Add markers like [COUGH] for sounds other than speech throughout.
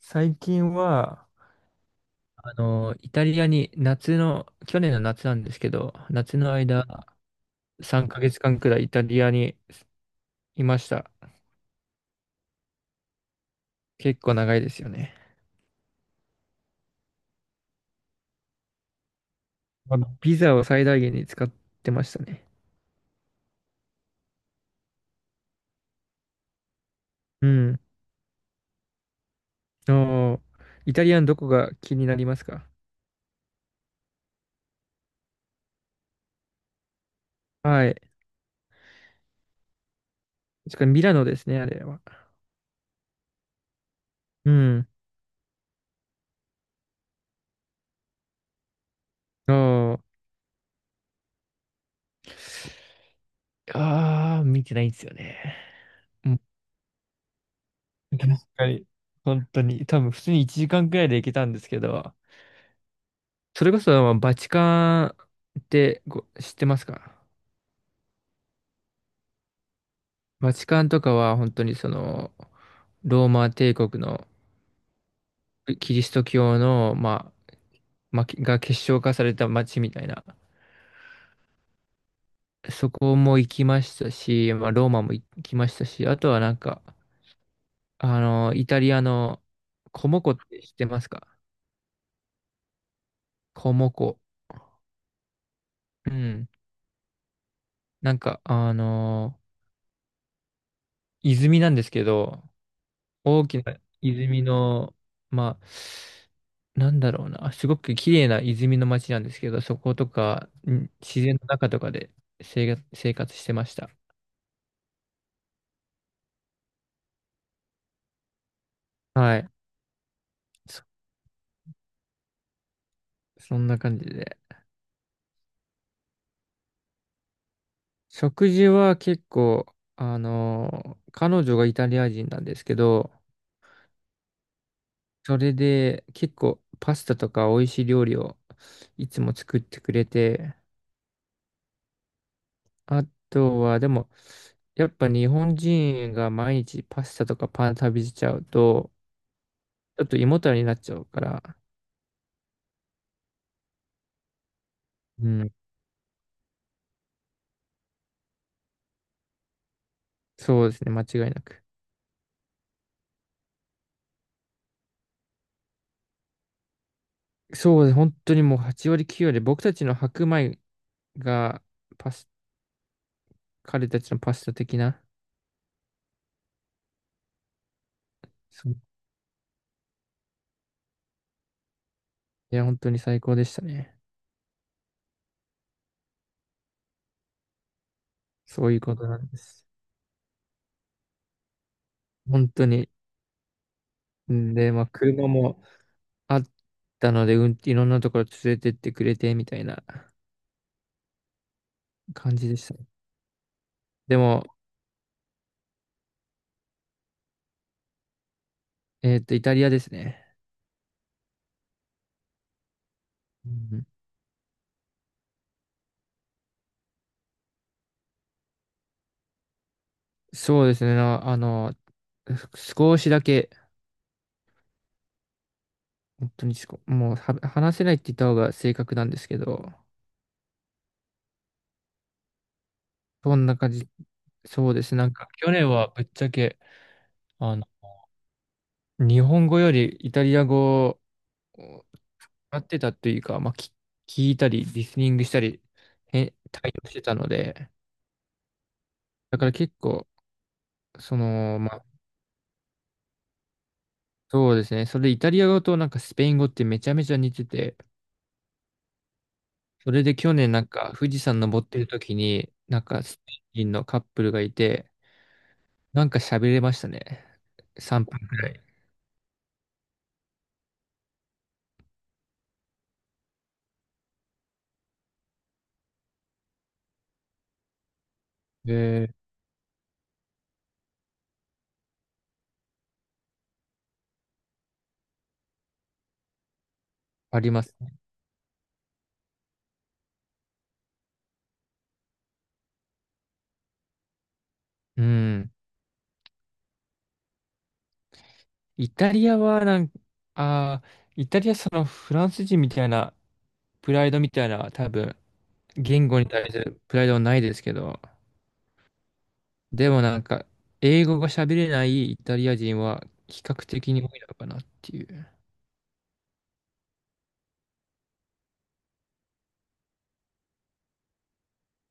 最近は、イタリアに去年の夏なんですけど、夏の間、3ヶ月間くらいイタリアにいました。結構長いですよね。あのビザを最大限に使ってましたね。うん。おー。イタリアのどこが気になりますか？はい。しかもミラノですね、あれは。うん。おー。あー、見てないんですよね。うん。確かに。本当に。多分、普通に1時間くらいで行けたんですけど、それこそ、まあバチカンってご知ってますか？バチカンとかは本当にその、ローマ帝国のキリスト教の、まあ、が結晶化された街みたいな、そこも行きましたし、まあ、ローマも行きましたし、あとはなんか、イタリアのコモコって知ってますか？コモコ。うん。なんか、泉なんですけど、大きな泉の、まあ、なんだろうな、すごく綺麗な泉の町なんですけど、そことか、自然の中とかで生活してました。はい。そ、そんな感じで。食事は結構、あの彼女がイタリア人なんですけど、それで結構パスタとか美味しい料理をいつも作ってくれて、あとは、でも、やっぱ日本人が毎日パスタとかパン食べちゃうと、ちょっと胃もたれになっちゃうから、うん、そうですね、間違いなく。そうですね、本当にもう8割9割、僕たちの白米がパス、彼たちのパスタ的な、そう。いや、本当に最高でしたね。そういうことなんです。本当に。んで、まあ、車もあったので、うん、いろんなところ連れてってくれて、みたいな感じでしたね。でも、イタリアですね。うん。そうですね。なあの、少しだけ、本当にすこもうは話せないって言った方が正確なんですけど、そんな感じ、そうですね。なんか去年はぶっちゃけ、あの、日本語よりイタリア語を使ってたというか、まあ、聞いたり、リスニングしたり、へ対応してたので、だから結構、その、まあ、そうですね。それでイタリア語となんかスペイン語ってめちゃめちゃ似てて、それで去年なんか富士山登ってる時に、なんかスペイン人のカップルがいて、なんか喋れましたね。3分くらい。え、ありますね。うん。イタリアはなんか、ああ、イタリアそのフランス人みたいなプライドみたいな多分言語に対するプライドはないですけど、でもなんか英語が喋れないイタリア人は比較的に多いのかなっていう。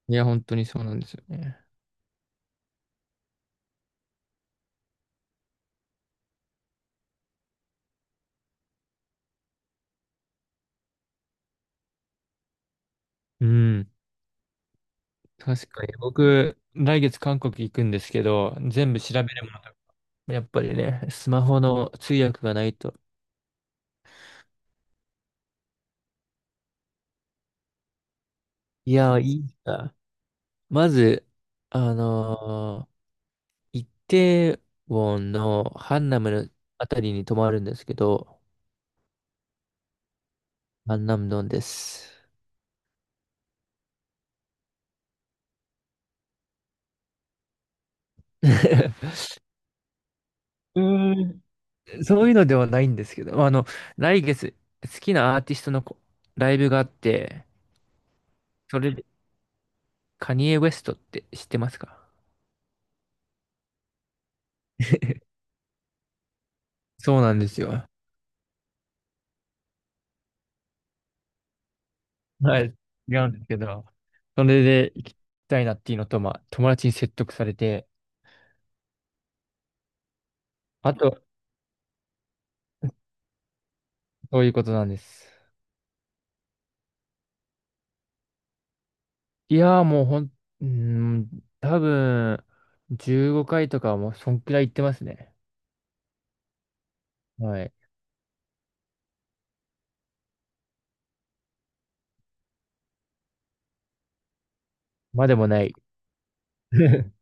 いや、本当にそうなんですよね。うん。確かに僕、来月韓国行くんですけど、全部調べるものとか、やっぱりね、スマホの通訳がないと。いやー、いいな。まず、あのイテウォンのハンナムのあたりに泊まるんですけど、ハンナムドンです。[LAUGHS] うーん、そういうのではないんですけど、来月、好きなアーティストのライブがあって、それで、カニエ・ウェストって知ってますか？ [LAUGHS] そうなんですよ。はい、違うんですけど、それで行きたいなっていうのと、まあ、友達に説得されて、あと、そういうことなんです。いやー、もうほん、うーん、多分、15回とかはもう、そんくらい行ってますね。はい。まあでもない。[LAUGHS]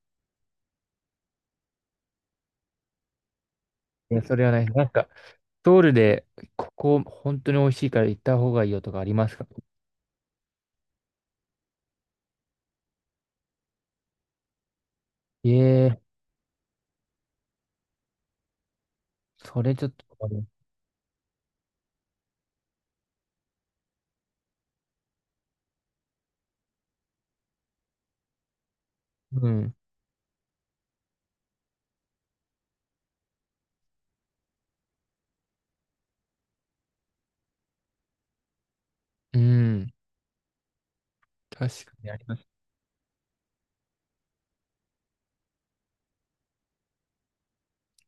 いや、それはない。なんか、ソウルで、ここ、本当に美味しいから行った方がいいよとかありますか？ええー、それちょっと困る、うん。うん。確かにあります。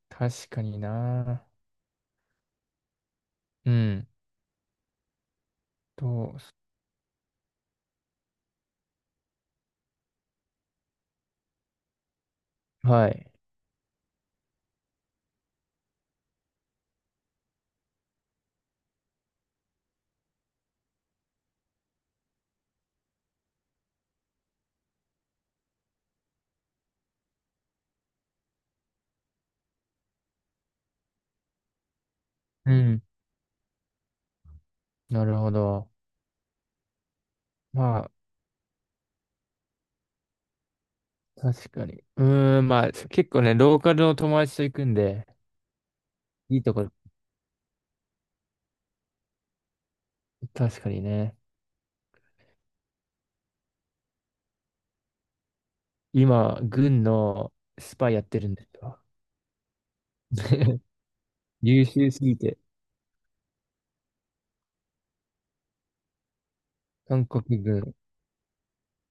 確かにな。うん。と、はい。うん。なるほど。まあ、確かに。うーん、まあ、結構ね、ローカルの友達と行くんで、いいとこ、ろ確かにね。今、軍のスパイやってるんですよ。[LAUGHS] 優秀すぎて、韓国軍、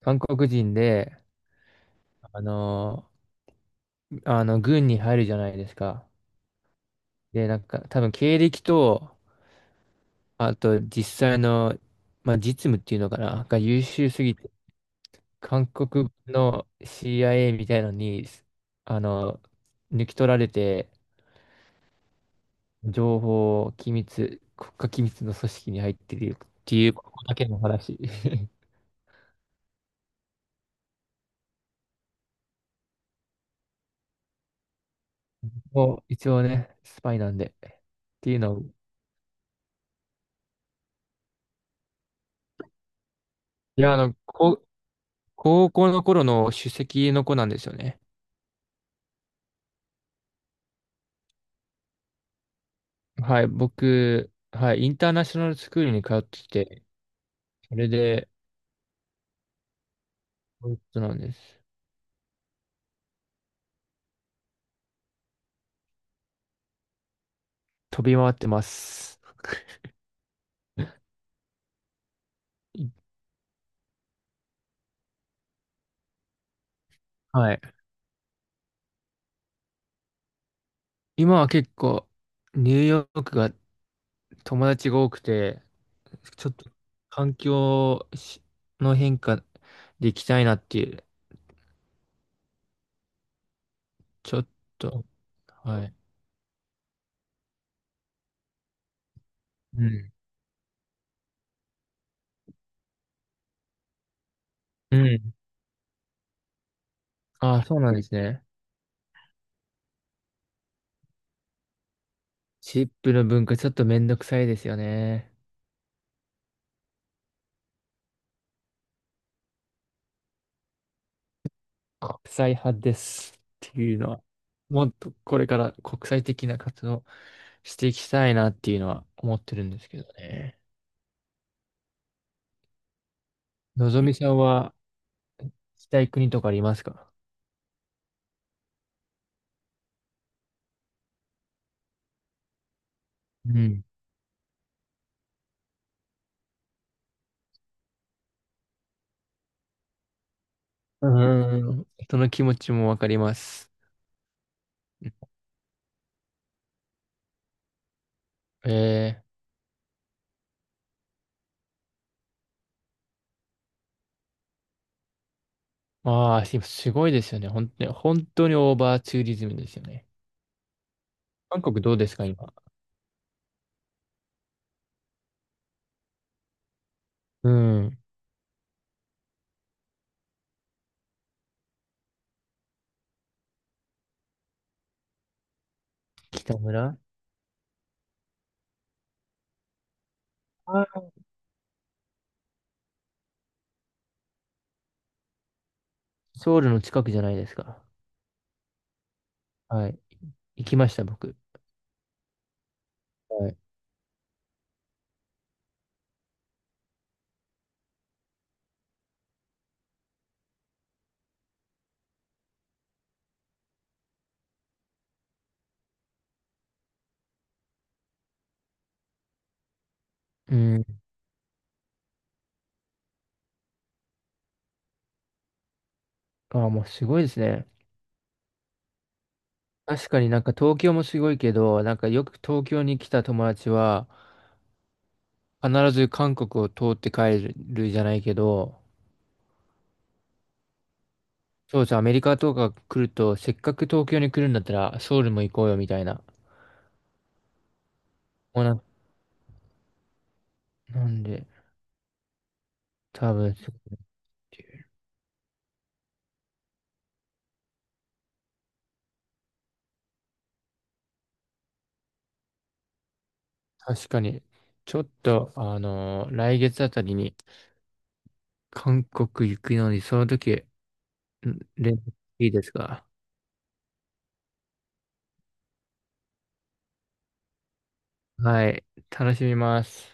韓国人で、あの軍に入るじゃないですか。で、なんか、多分経歴と、あと実際の、まあ、実務っていうのかな、が優秀すぎて韓国の CIA みたいのに、あの、抜き取られて、情報機密、国家機密の組織に入ってるっていう、ここだけの話。[LAUGHS] もう一応ね、スパイなんで。っていうのを、いや、高校の頃の首席の子なんですよね。はい、僕、はい、インターナショナルスクールに通ってて、それで、そういうことなんです。飛び回ってます。[LAUGHS] はい。今は結構ニューヨークが友達が多くて、ちょっと環境しの変化で行きたいなっていう、ちょっと、はい。うん。うん。ああ、そうなんですね。チップの文化ちょっとめんどくさいですよね。国際派ですっていうのは、もっとこれから国際的な活動していきたいなっていうのは思ってるんですけどね。のぞみさんはしたい国とかありますか？うん。うーん、人の気持ちもわかります。ええー。ああ、今すごいですよね。本当に、本当にオーバーツーリズムですよね。韓国どうですか、今。うん、北村。あー、ソウルの近くじゃないですか。はい。行きました、僕。はい。うん。ああ、もうすごいですね。確かになんか東京もすごいけど、なんかよく東京に来た友達は、必ず韓国を通って帰るじゃないけど、そうです。アメリカとか来ると、せっかく東京に来るんだったら、ソウルも行こうよ、みたいな。もうな、なんで、多分そうっていう、確かに、ちょっと、来月あたりに、韓国行くのに、その時、連絡いいですか？はい、楽しみます。